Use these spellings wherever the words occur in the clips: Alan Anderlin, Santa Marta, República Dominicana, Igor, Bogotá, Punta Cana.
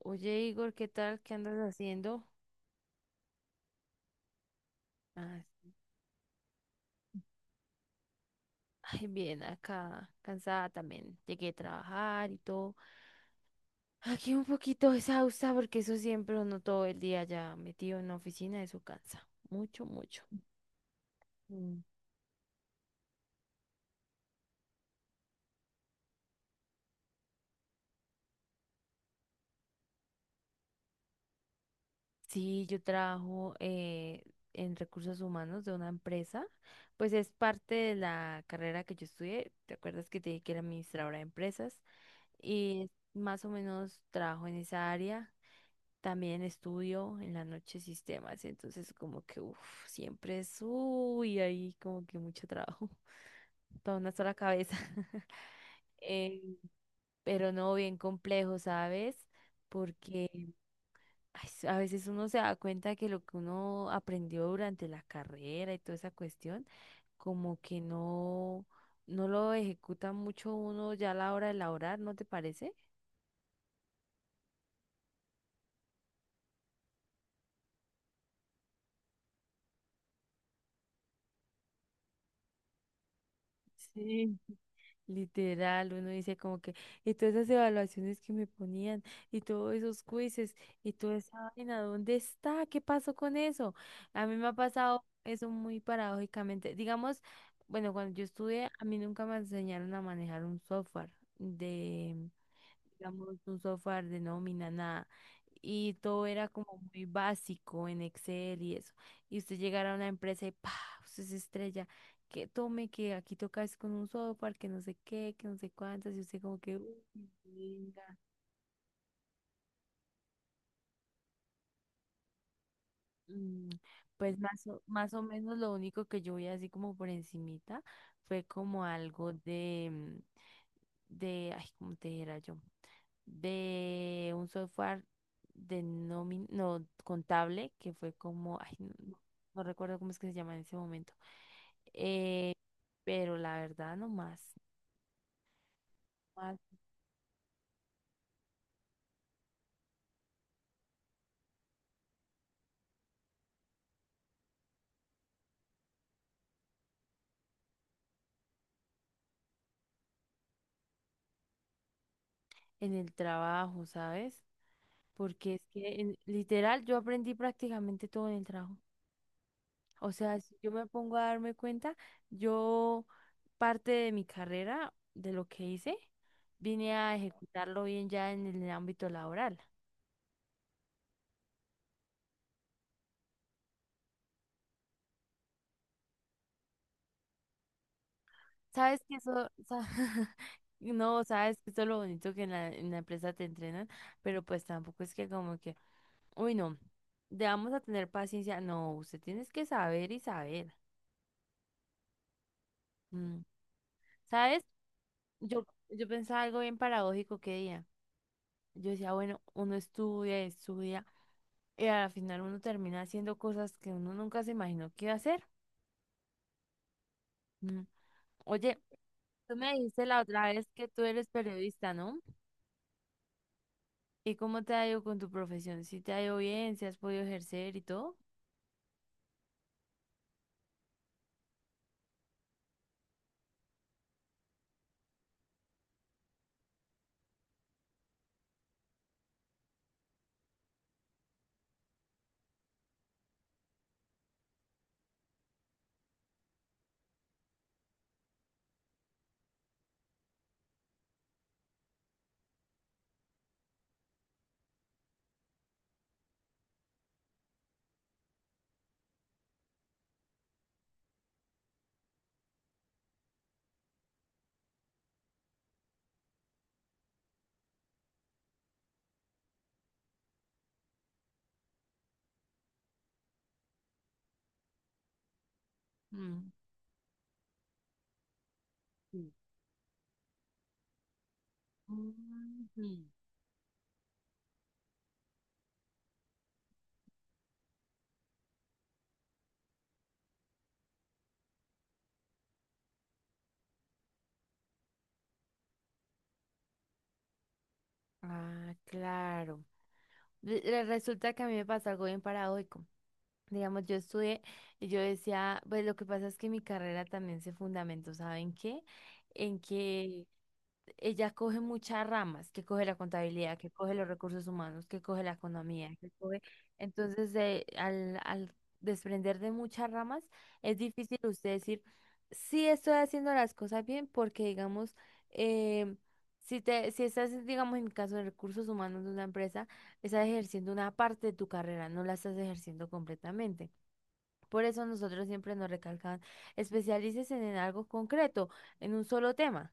Oye, Igor, ¿qué tal? ¿Qué andas haciendo? Ah, sí. Ay, bien, acá, cansada también. Llegué a trabajar y todo. Aquí un poquito exhausta porque eso siempre uno todo el día ya metido en la oficina, eso cansa. Mucho, mucho. Mm. Sí, yo trabajo en recursos humanos de una empresa. Pues es parte de la carrera que yo estudié. ¿Te acuerdas que te dije que era administradora de empresas? Y más o menos trabajo en esa área. También estudio en la noche sistemas, entonces como que siempre es, uy, ahí como que mucho trabajo, toda una sola cabeza. Eh, pero no bien complejo, ¿sabes? Porque ay, a veces uno se da cuenta que lo que uno aprendió durante la carrera y toda esa cuestión, como que no, no lo ejecuta mucho uno ya a la hora de laborar, ¿no te parece? Sí, literal, uno dice como que, y todas esas evaluaciones que me ponían, y todos esos quizzes, y toda esa vaina, ¿dónde está? ¿Qué pasó con eso? A mí me ha pasado eso muy paradójicamente. Digamos, bueno, cuando yo estudié, a mí nunca me enseñaron a manejar un software, digamos, un software de nómina, nada. Y todo era como muy básico en Excel y eso. Y usted llegara a una empresa y ¡pa! Usted se estrella. Que tome, que aquí tocas con un software, que no sé qué, que no sé cuántas. Y usted como que, "Uy, venga. Mm, Pues más o menos lo único que yo vi así como por encimita fue como algo de, de, ay, ¿cómo te dijera yo? De un software no, contable, que fue como, ay, no no recuerdo cómo es que se llama en ese momento. Eh, pero la verdad, no más en el trabajo, ¿sabes? Porque es que literal yo aprendí prácticamente todo en el trabajo. O sea, si yo me pongo a darme cuenta, yo parte de mi carrera, de lo que hice, vine a ejecutarlo bien ya en el ámbito laboral. Sabes que eso, no, sabes que eso es lo bonito que en la empresa te entrenan, pero pues tampoco es que como que, uy, no, te vamos a tener paciencia. No, usted tienes que saber y saber. Mm, ¿Sabes? Yo, yo pensaba algo bien paradójico que día. Yo decía, bueno, uno estudia, y estudia, y al final uno termina haciendo cosas que uno nunca se imaginó que iba a hacer. Mm, Oye, tú me dijiste la otra vez que tú eres periodista, ¿no? ¿Y cómo te ha ido con tu profesión? ¿Si te ha ido bien? ¿Si has podido ejercer y todo? Mm, sí. Ujú. Ah, claro. Resulta que a mí me pasa algo bien paradójico. Digamos, yo estudié y yo decía, pues lo que pasa es que mi carrera también se fundamentó, ¿saben qué? En que ella coge muchas ramas, que coge la contabilidad, que coge los recursos humanos, que coge la economía, que coge... Entonces, al desprender de muchas ramas, es difícil usted decir, sí estoy haciendo las cosas bien, porque digamos, eh, si te, si estás, digamos, en mi caso, en recursos humanos de una empresa, estás ejerciendo una parte de tu carrera, no la estás ejerciendo completamente. Por eso nosotros siempre nos recalcan, especialícese en algo concreto, en un solo tema.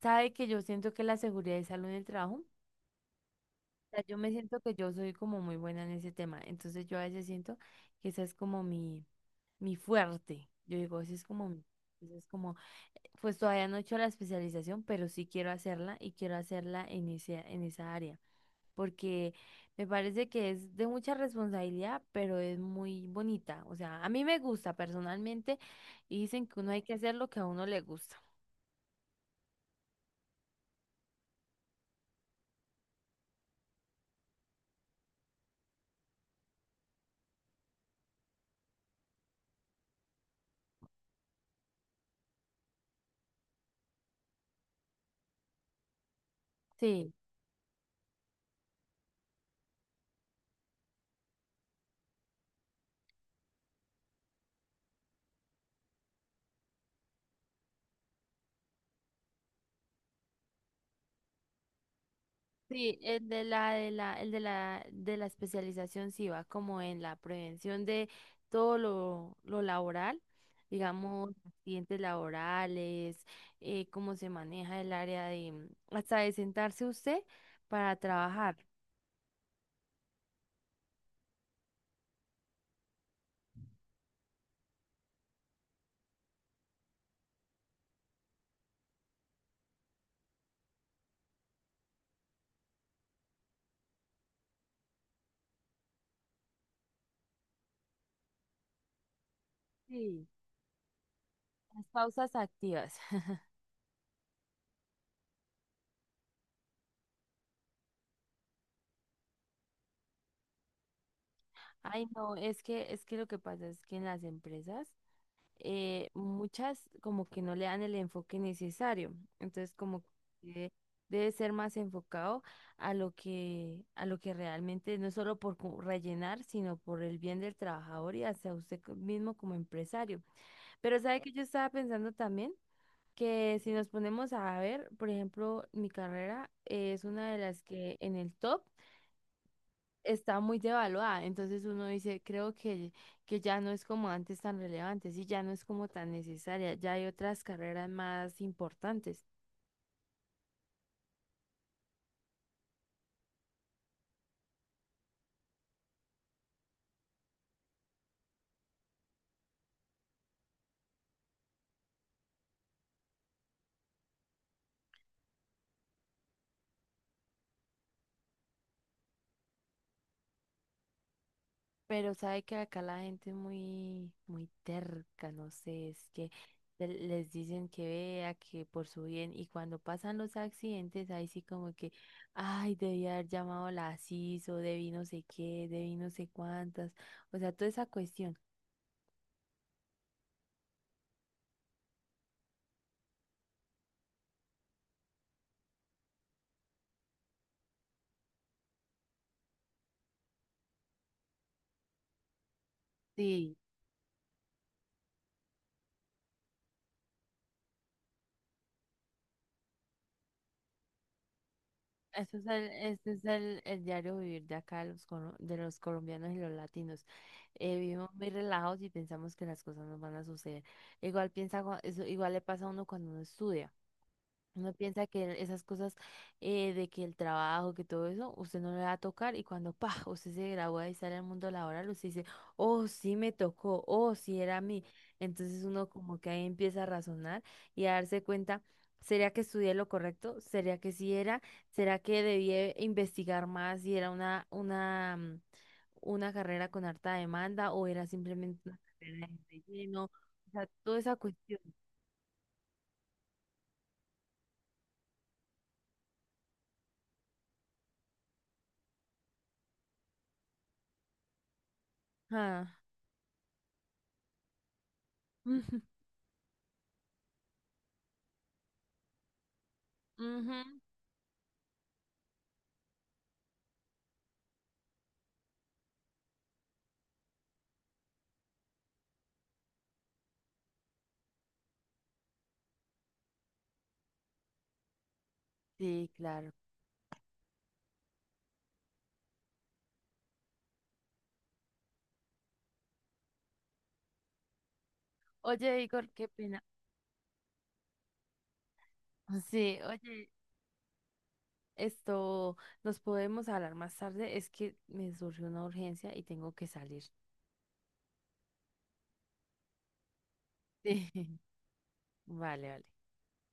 Sabe que yo siento que la seguridad y salud en el trabajo, o sea, yo me siento que yo soy como muy buena en ese tema, entonces yo a veces siento que esa es como mi fuerte, yo digo, ese es como mi, ese es como, pues todavía no he hecho la especialización, pero sí quiero hacerla y quiero hacerla en ese, en esa área, porque me parece que es de mucha responsabilidad, pero es muy bonita, o sea, a mí me gusta personalmente y dicen que uno hay que hacer lo que a uno le gusta. Sí, sí, el de la especialización sí va como en la prevención de todo lo laboral, digamos, accidentes laborales, cómo se maneja el área de hasta de sentarse usted para trabajar. Sí. Las pausas activas. Ay, no, es que lo que pasa es que en las empresas muchas como que no le dan el enfoque necesario. Entonces, como que debe ser más enfocado a lo que realmente, no solo por rellenar, sino por el bien del trabajador y hacia usted mismo como empresario. Pero sabe que yo estaba pensando también que si nos ponemos a ver, por ejemplo, mi carrera es una de las que en el top está muy devaluada. Entonces uno dice, creo que ya no es como antes tan relevante, sí, ya no es como tan necesaria, ya hay otras carreras más importantes. Pero sabe que acá la gente es muy, muy terca, no sé, es que les dicen que vea, que por su bien, y cuando pasan los accidentes, ahí sí como que, ay, debí haber llamado a la asis o debí no sé qué, debí no sé cuántas, o sea, toda esa cuestión. Sí. El diario vivir de acá, de los, de los colombianos y los latinos. Vivimos muy relajados y pensamos que las cosas nos van a suceder. Igual piensa, eso igual le pasa a uno cuando uno estudia. Uno piensa que esas cosas de que el trabajo, que todo eso, usted no le va a tocar y cuando, pa, usted se gradúa y sale al mundo laboral, usted dice, oh, sí me tocó, oh, sí era a mí. Entonces uno como que ahí empieza a razonar y a darse cuenta, ¿sería que estudié lo correcto? ¿Sería que sí era? ¿Será que debía investigar más si era una carrera con harta demanda o era simplemente una carrera de relleno? O sea, toda esa cuestión. Ah. Ujú. Sí, claro. Oye, Igor, qué pena. Sí, oye, esto, nos podemos hablar más tarde. Es que me surgió una urgencia y tengo que salir. Sí. Vale, vale.